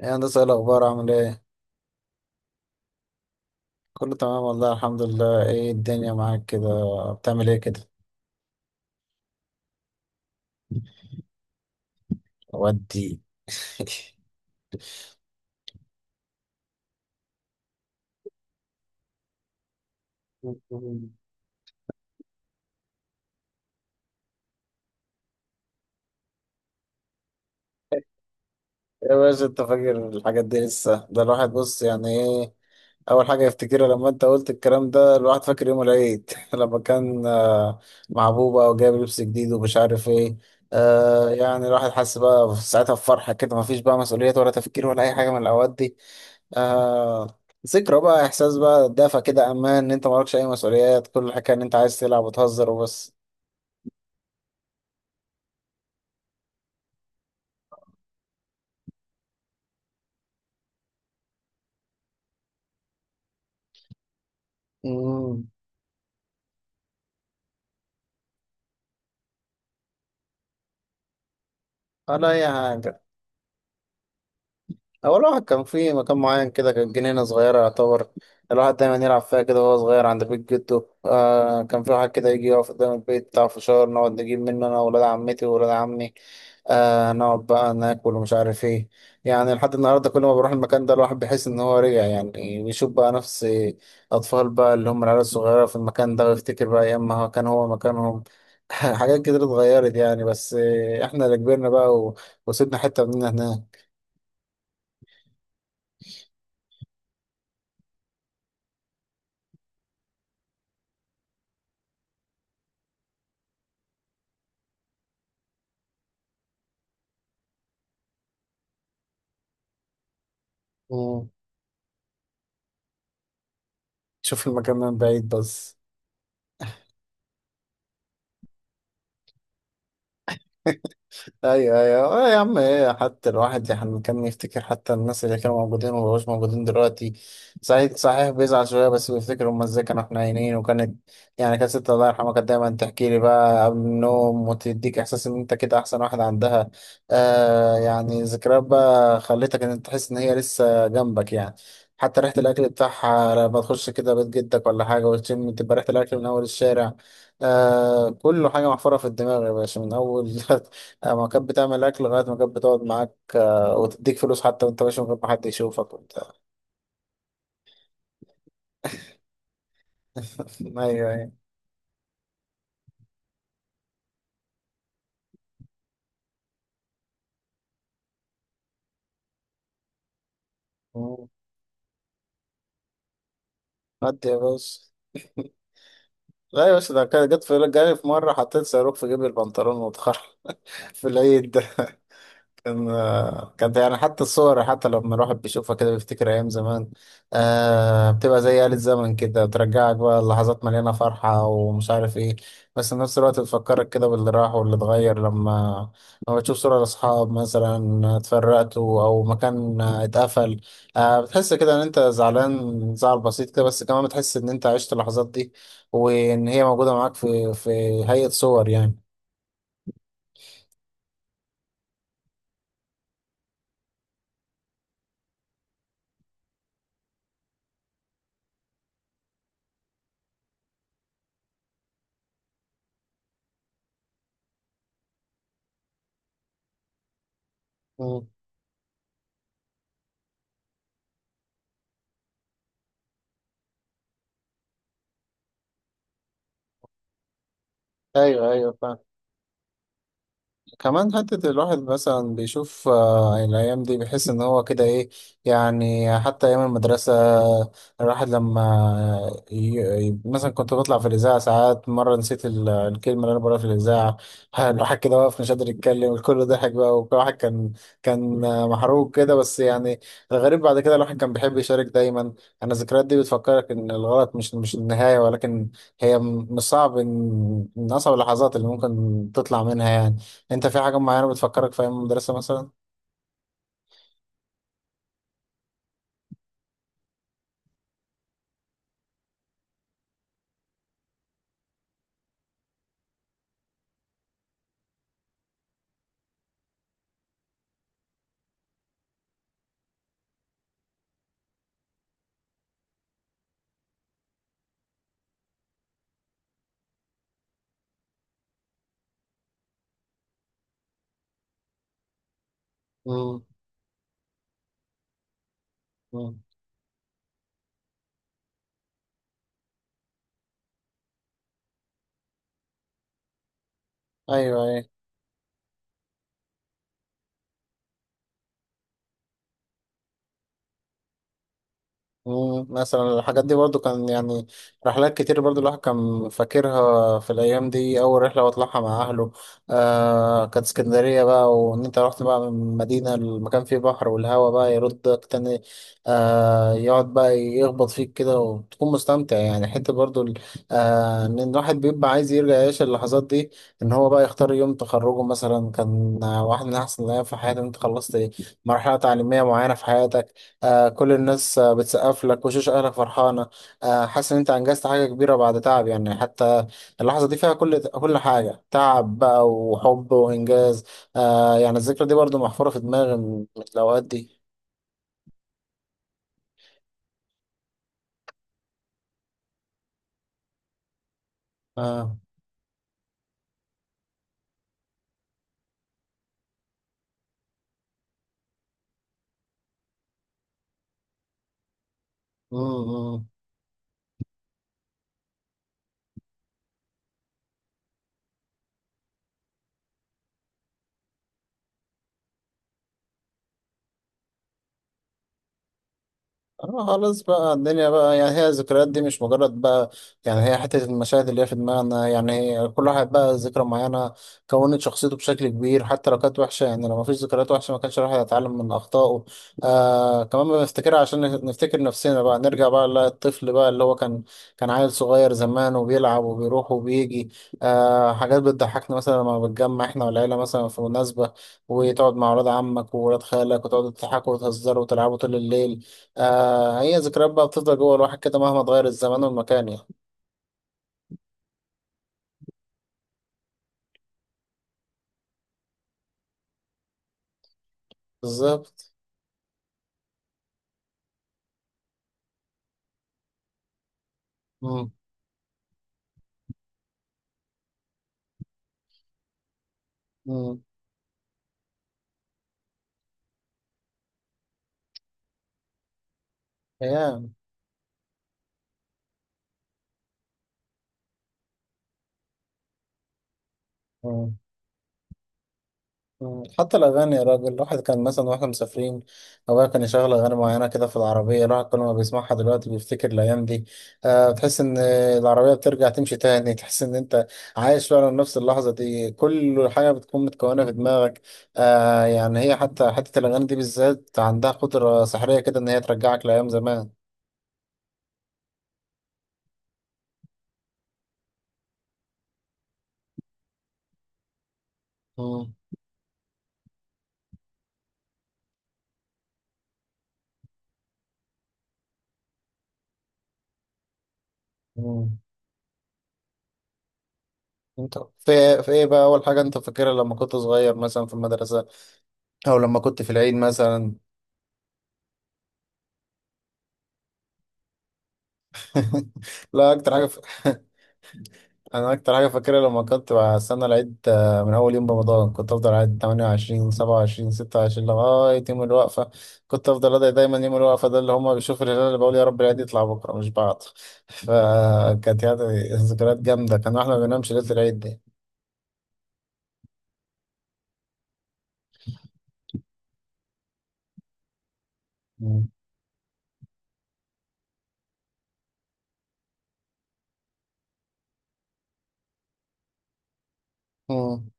ايه يا هندسة، ايه الأخبار؟ عامل ايه؟ كله تمام والله، الحمد لله. ايه الدنيا معاك كده؟ بتعمل ايه كده؟ ودي. يا باشا انت فاكر الحاجات دي لسه؟ ده الواحد بص يعني ايه أول حاجة يفتكرها لما انت قلت الكلام ده؟ الواحد فاكر يوم العيد لما كان آه، مع بوبا وجايب لبس جديد ومش عارف ايه. آه يعني الواحد حس بقى ساعتها بفرحة كده، مفيش بقى مسؤوليات ولا تفكير ولا أي حاجة من الأوقات دي. آه، ذكرى بقى، احساس بقى دافى كده، امان ان انت مالكش اي مسؤوليات، كل الحكايه ان انت عايز تلعب وتهزر وبس. امم ولا اي حاجه. هو الواحد كان في مكان معين كده، كانت جنينة صغيرة يعتبر الواحد دايما يلعب فيها كده وهو صغير عند بيت جده. آه كان في واحد كده يجي يقف قدام البيت بتاع فشار، نقعد نجيب منه أنا وولاد عمتي وولاد عمي. آه نقعد بقى ناكل ومش عارف ايه. يعني لحد النهاردة كل ما بروح المكان ده الواحد بيحس إن هو رجع، يعني بيشوف بقى نفس أطفال بقى، اللي هم العيال الصغيرة في المكان ده، ويفتكر بقى أيام ما كان هو مكانهم. حاجات كتير اتغيرت يعني، بس آه، احنا اللي كبرنا بقى وسيبنا حتة مننا. هناك تشوف المكان من بعيد بس. ايوه ايوه، آه يا عم ايه، حتى الواحد يعني كان يفتكر حتى الناس اللي كانوا موجودين وما بقوش موجودين دلوقتي. صحيح صحيح، بيزعل شويه بس بيفتكر هم ازاي كانوا. احنا عينين وكانت، يعني كانت ست الله يرحمها كانت دايما تحكي لي بقى قبل النوم، وتديك احساس ان انت كده احسن واحد عندها. آه يعني ذكريات بقى خلتك ان انت تحس ان هي لسه جنبك يعني. حتى ريحة الأكل بتاعها لما تخش كده بيت جدك ولا حاجة وتشم، تبقى ريحة الأكل من أول الشارع. آه كله حاجة محفورة في الدماغ يا باشا من أول. آه، ما كانت بتعمل اكل لغايه ما كانت بتقعد معاك آه، وتديك فلوس حتى وانت ماشي من غير ما حد يشوفك وبتاع. ايوه ايوه. مم. ودي يا باشا. لا يا باشا، ده كان جت في جالي في مره حطيت صاروخ في جيب البنطلون واتخرج. في العيد ده. كان، كانت يعني حتى الصور، حتى لما الواحد بيشوفها كده بيفتكر أيام زمان. آه بتبقى زي آلة زمن كده، بترجعك بقى لحظات مليانة فرحة ومش عارف إيه. بس في نفس الوقت بتفكرك كده باللي راح واللي اتغير، لما بتشوف صورة لأصحاب مثلا اتفرقتوا أو مكان اتقفل. آه بتحس كده إن أنت زعلان، زعل بسيط كده، بس كمان بتحس إن أنت عشت اللحظات دي وإن هي موجودة معاك في هيئة صور يعني. مم. ايوه ايوه فاهم. كمان حتة الواحد مثلا بيشوف آه، الأيام دي بيحس إن هو كده إيه. يعني حتى أيام المدرسة، الواحد لما ي... مثلا كنت بطلع في الإذاعة ساعات. مرة نسيت الكلمة اللي أنا بقولها في الإذاعة. الواحد كده واقف مش قادر يتكلم، الكل ضحك بقى، وكل واحد كان، كان آه، محروق كده بس يعني. الغريب بعد كده الواحد كان بيحب يشارك دايما. أنا الذكريات دي بتفكرك إن الغلط مش النهاية، ولكن هي مش صعب، إن من أصعب اللحظات اللي ممكن تطلع منها يعني. انت في حاجة معينة بتفكرك في ايام المدرسة مثلا؟ امم ايوه ايوه. مم، مثلا الحاجات دي برضو كان يعني رحلات كتير برضو الواحد كان فاكرها في الأيام دي. أول رحلة بطلعها مع أهله آه كانت اسكندرية بقى، وإن أنت رحت بقى من مدينة المكان فيه بحر والهوا بقى يردك تاني. آه يقعد بقى يخبط فيك كده وتكون مستمتع يعني، حتة برضو آه إن الواحد بيبقى عايز يرجع يعيش اللحظات دي. إن هو بقى يختار يوم تخرجه مثلا كان واحد من أحسن الأيام في حياتي، إن أنت خلصت مرحلة تعليمية معينة في حياتك. آه كل الناس آه بتسقف لك، وشوش اهلك فرحانه. آه حاسس ان انت انجزت حاجه كبيره بعد تعب، يعني حتى اللحظه دي فيها كل حاجه، تعب بقى وحب وانجاز. آه يعني الذكرى دي برضو محفوره في دماغي من الاوقات دي. اه. مم، مم. اه خلاص بقى، الدنيا بقى يعني، هي الذكريات دي مش مجرد بقى يعني، هي حتة المشاهد اللي هي في دماغنا يعني، هي كل واحد بقى ذكرى معينة كونت شخصيته بشكل كبير. حتى لو كانت وحشة، يعني لو مفيش ذكريات وحشة ما كانش الواحد هيتعلم من أخطائه. آه كمان بنفتكرها عشان نفتكر نفسنا بقى، نرجع بقى للطفل بقى اللي هو كان عيل صغير زمان وبيلعب وبيروح وبيجي. آه حاجات بتضحكنا مثلا لما بنتجمع احنا والعيلة مثلا في مناسبة، وتقعد مع ولاد عمك وولاد خالك، وتقعدوا تضحكوا وتهزروا وتلعبوا طول الليل. آه هي ذكريات بقى بتفضل جوه الواحد كده مهما اتغير الزمان والمكان يعني. بالظبط. مم. مم. أيام. مم. مم. حتى الأغاني يا راجل، الواحد كان مثلا واحنا مسافرين أبويا كان يشغل أغاني معينة كده في العربية، الواحد كل ما بيسمعها دلوقتي بيفتكر الأيام دي. آه تحس إن العربية بترجع تمشي تاني، تحس إن أنت عايش فعلا نفس اللحظة دي، كل حاجة بتكون متكونة في دماغك. آه يعني هي حتى حتة الأغاني دي بالذات عندها قدرة سحرية كده، إن هي ترجعك لأيام زمان. مم. مم. انت في ايه، في ايه بقى اول حاجه انت فاكرها لما كنت صغير مثلا في المدرسه او لما كنت في العيد مثلا؟ لا اكتر حاجه ف... انا اكتر حاجه فاكرها لما كنت بستنى العيد آه، من اول يوم رمضان كنت افضل قاعد 28 27 26 لغايه يوم الوقفه. كنت افضل ادعي دايما يوم الوقفه ده اللي هم بيشوفوا الهلال، اللي بقول يا رب العيد يطلع بكره مش بعد. فكانت يعني ذكريات جامده، كان احنا ما بننامش ليله العيد دي. مم. مم.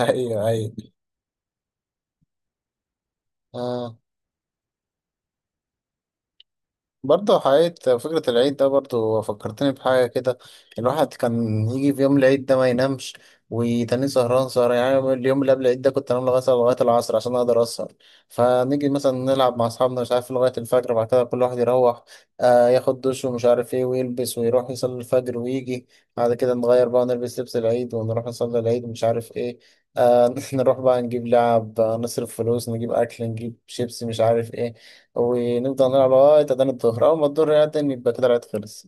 ايوه ايوه. برضه حقيقة فكرة العيد ده برضه فكرتني بحاجة كده، الواحد كان يجي في يوم العيد ده ما ينامش وتاني، سهران يعني. اليوم اللي قبل العيد ده كنت انام لغاية العصر عشان اقدر اسهر، فنيجي مثلا نلعب مع اصحابنا مش عارف لغاية الفجر، بعد كده كل واحد يروح آه ياخد دش ومش عارف ايه ويلبس ويروح يصلي الفجر ويجي. بعد كده نغير بقى، نلبس لبس العيد ونروح نصلي العيد ومش عارف ايه. آه نروح بقى نجيب لعب آه، نصرف فلوس، نجيب اكل، نجيب شيبسي مش عارف ايه، ونفضل نلعب لغاية أذان الظهر. أول ما الظهر يأذن يبقى كده الوقت خلص.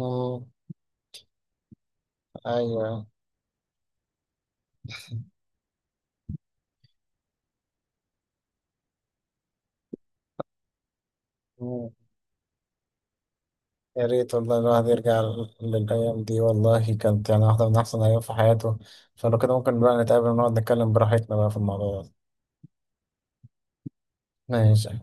اه. أيوة. مم. يا ريت والله الواحد يرجع للأيام دي، والله كانت يعني واحدة من أحسن الأيام في حياته. فلو كده ممكن بقى نتقابل ونقعد نتكلم براحتنا بقى في الموضوع ده. ماشي.